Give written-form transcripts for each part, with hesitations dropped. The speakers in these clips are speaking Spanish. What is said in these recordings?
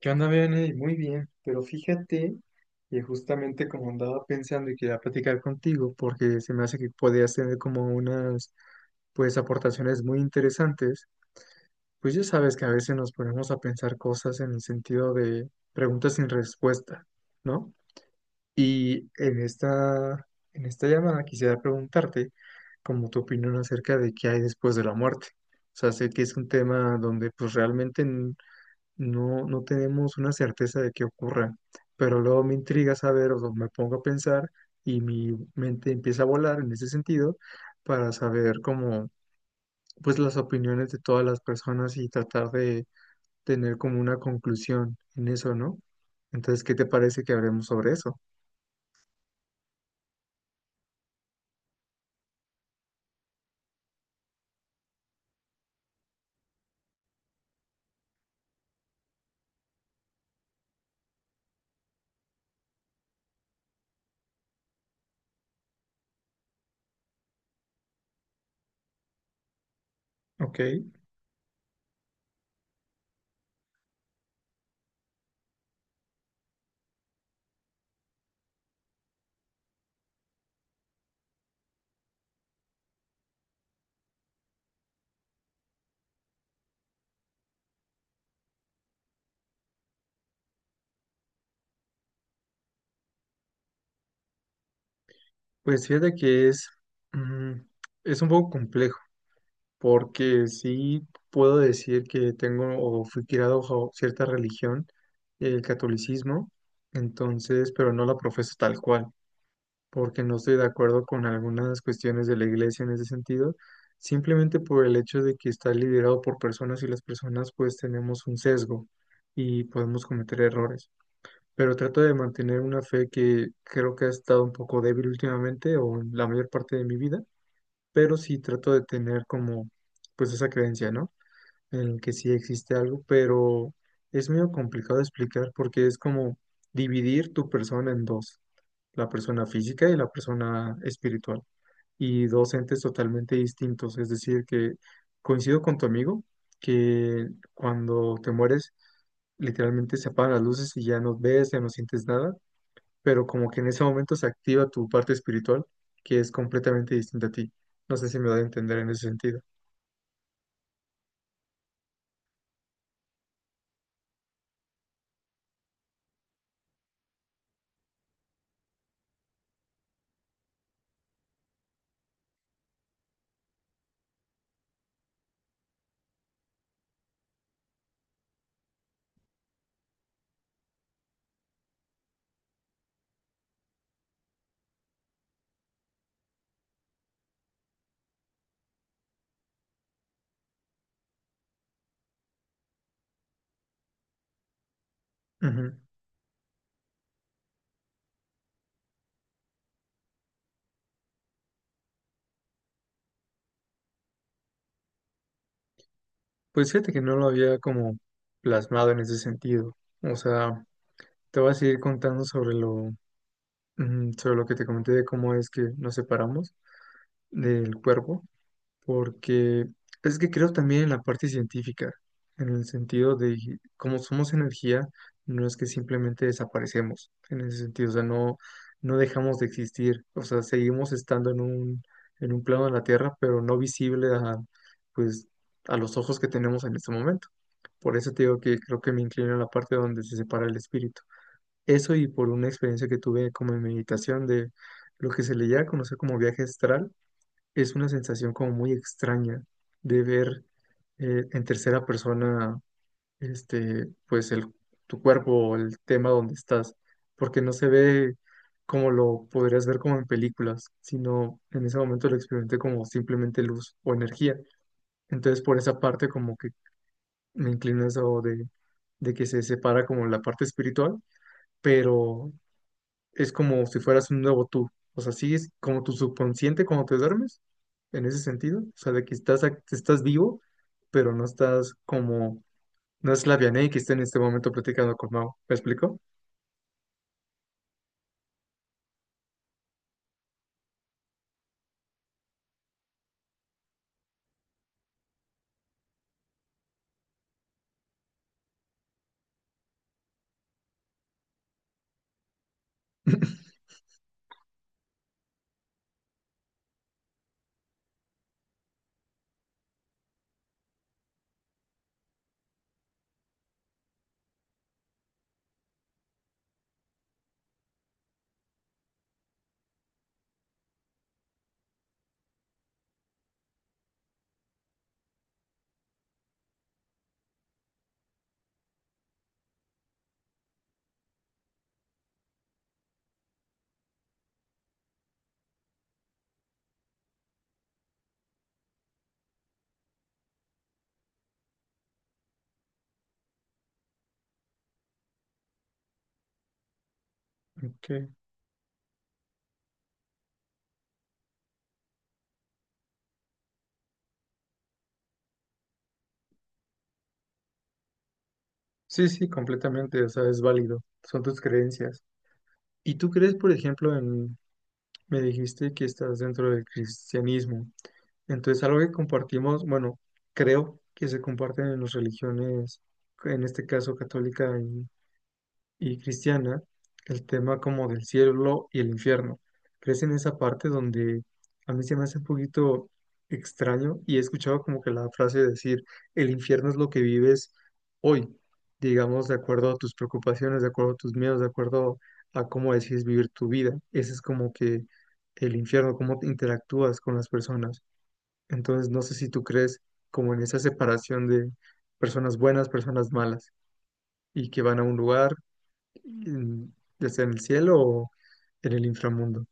¿Qué onda, Vianey? Muy bien, pero fíjate que justamente como andaba pensando y quería platicar contigo, porque se me hace que podías tener como unas, pues, aportaciones muy interesantes. Pues ya sabes que a veces nos ponemos a pensar cosas en el sentido de preguntas sin respuesta, ¿no? Y en esta llamada quisiera preguntarte como tu opinión acerca de qué hay después de la muerte. O sea, sé que es un tema donde pues realmente no, no tenemos una certeza de qué ocurra, pero luego me intriga saber. O sea, me pongo a pensar y mi mente empieza a volar en ese sentido para saber como, pues, las opiniones de todas las personas y tratar de tener como una conclusión en eso, ¿no? Entonces, ¿qué te parece que hablemos sobre eso? Ok, pues fíjate que es, mm, es un poco complejo porque sí puedo decir que tengo o fui criado bajo cierta religión, el catolicismo. Entonces, pero no la profeso tal cual, porque no estoy de acuerdo con algunas cuestiones de la iglesia en ese sentido, simplemente por el hecho de que está liderado por personas y las personas pues tenemos un sesgo y podemos cometer errores, pero trato de mantener una fe que creo que ha estado un poco débil últimamente o en la mayor parte de mi vida, pero sí trato de tener como pues esa creencia, ¿no? En el que sí existe algo, pero es medio complicado de explicar porque es como dividir tu persona en dos, la persona física y la persona espiritual, y dos entes totalmente distintos. Es decir, que coincido con tu amigo que cuando te mueres literalmente se apagan las luces y ya no ves, ya no sientes nada, pero como que en ese momento se activa tu parte espiritual, que es completamente distinta a ti. No sé si me da a entender en ese sentido. Ujú. Pues fíjate que no lo había como plasmado en ese sentido. O sea, te voy a seguir contando sobre lo, sobre lo que te comenté de cómo es que nos separamos del cuerpo. Porque es que creo también en la parte científica, en el sentido de como somos energía, no es que simplemente desaparecemos, en ese sentido. O sea, no, no dejamos de existir, o sea, seguimos estando en un plano de la Tierra, pero no visible a, pues, a los ojos que tenemos en este momento. Por eso te digo que creo que me inclino a la parte donde se separa el espíritu. Eso y por una experiencia que tuve como en meditación de lo que se le llega a conocer como viaje astral. Es una sensación como muy extraña de ver, en tercera persona, pues el, tu cuerpo, o el tema donde estás, porque no se ve como lo podrías ver como en películas, sino en ese momento lo experimenté como simplemente luz o energía. Entonces por esa parte como que me inclino a eso de que se separa como la parte espiritual, pero es como si fueras un nuevo tú. O sea, sí es como tu subconsciente cuando te duermes, en ese sentido. O sea, de que estás, estás vivo, pero no estás como, no es la Vianey que está en este momento platicando con Mao. ¿Me explico? Ok. Sí, sí, completamente. O sea, es válido. Son tus creencias. ¿Y tú crees, por ejemplo, en, me dijiste que estás dentro del cristianismo? Entonces, algo que compartimos, bueno, creo que se comparten en las religiones, en este caso católica y cristiana, el tema como del cielo y el infierno. ¿Crees en esa parte donde a mí se me hace un poquito extraño y he escuchado como que la frase de decir, el infierno es lo que vives hoy, digamos, de acuerdo a tus preocupaciones, de acuerdo a tus miedos, de acuerdo a cómo decides vivir tu vida? Ese es como que el infierno, cómo te interactúas con las personas. Entonces, no sé si tú crees como en esa separación de personas buenas, personas malas, y que van a un lugar. Mm, ¿Ya sea en el cielo o en el inframundo?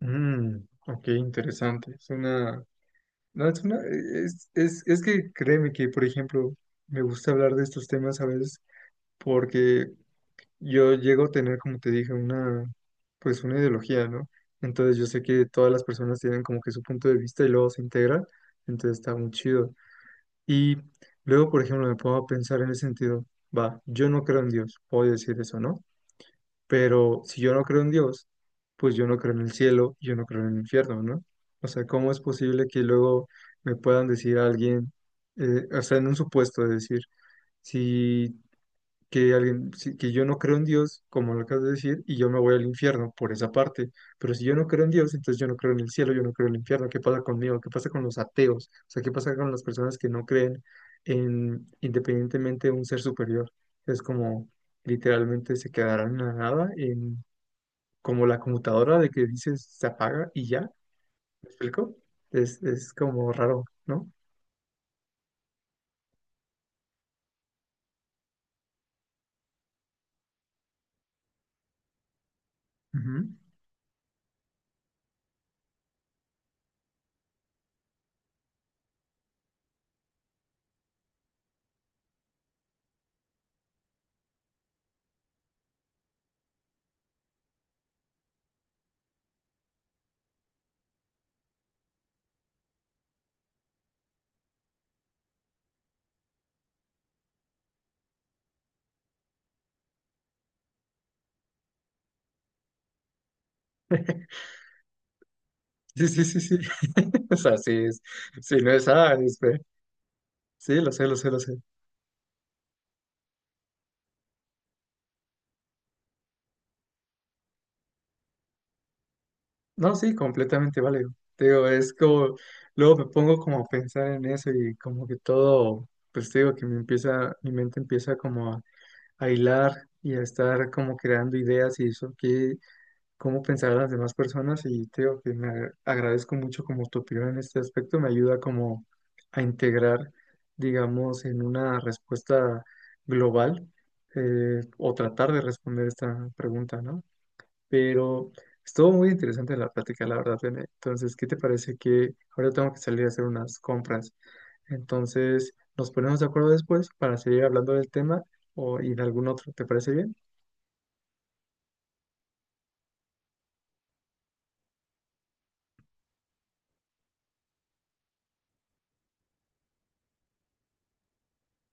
Mm, ok, interesante. Es una... No, es una... es que créeme que, por ejemplo, me gusta hablar de estos temas a veces porque yo llego a tener, como te dije, una... pues una ideología, ¿no? Entonces yo sé que todas las personas tienen como que su punto de vista y luego se integran, entonces está muy chido. Y luego, por ejemplo, me pongo a pensar en el sentido, va, yo no creo en Dios, puedo decir eso, ¿no? Pero si yo no creo en Dios, pues yo no creo en el cielo, yo no creo en el infierno, ¿no? O sea, ¿cómo es posible que luego me puedan decir a alguien, o sea, en un supuesto de decir, si que yo no creo en Dios, como lo acabas de decir, y yo me voy al infierno por esa parte, pero si yo no creo en Dios, entonces yo no creo en el cielo, yo no creo en el infierno, ¿qué pasa conmigo? ¿Qué pasa con los ateos? O sea, ¿qué pasa con las personas que no creen en independientemente de un ser superior? Es como literalmente se quedarán en la nada, en como la computadora de que dices se apaga y ya, ¿me explico? Es como raro, ¿no? Ujú. Sí, sí, sí, sí. O sea, sí, es, sí, no es, sí, lo sé, lo sé, lo sé. No, sí, completamente válido. Te digo, es como, luego me pongo como a pensar en eso y como que todo, pues te digo que me empieza, mi mente empieza como a hilar y a estar como creando ideas y eso, que cómo pensar a las demás personas y te digo que me agradezco mucho como tu opinión en este aspecto, me ayuda como a integrar, digamos, en una respuesta global, o tratar de responder esta pregunta, ¿no? Pero estuvo muy interesante la plática, la verdad, Bene. Entonces, ¿qué te parece que ahora tengo que salir a hacer unas compras? Entonces, nos ponemos de acuerdo después para seguir hablando del tema o y de algún otro, ¿te parece bien?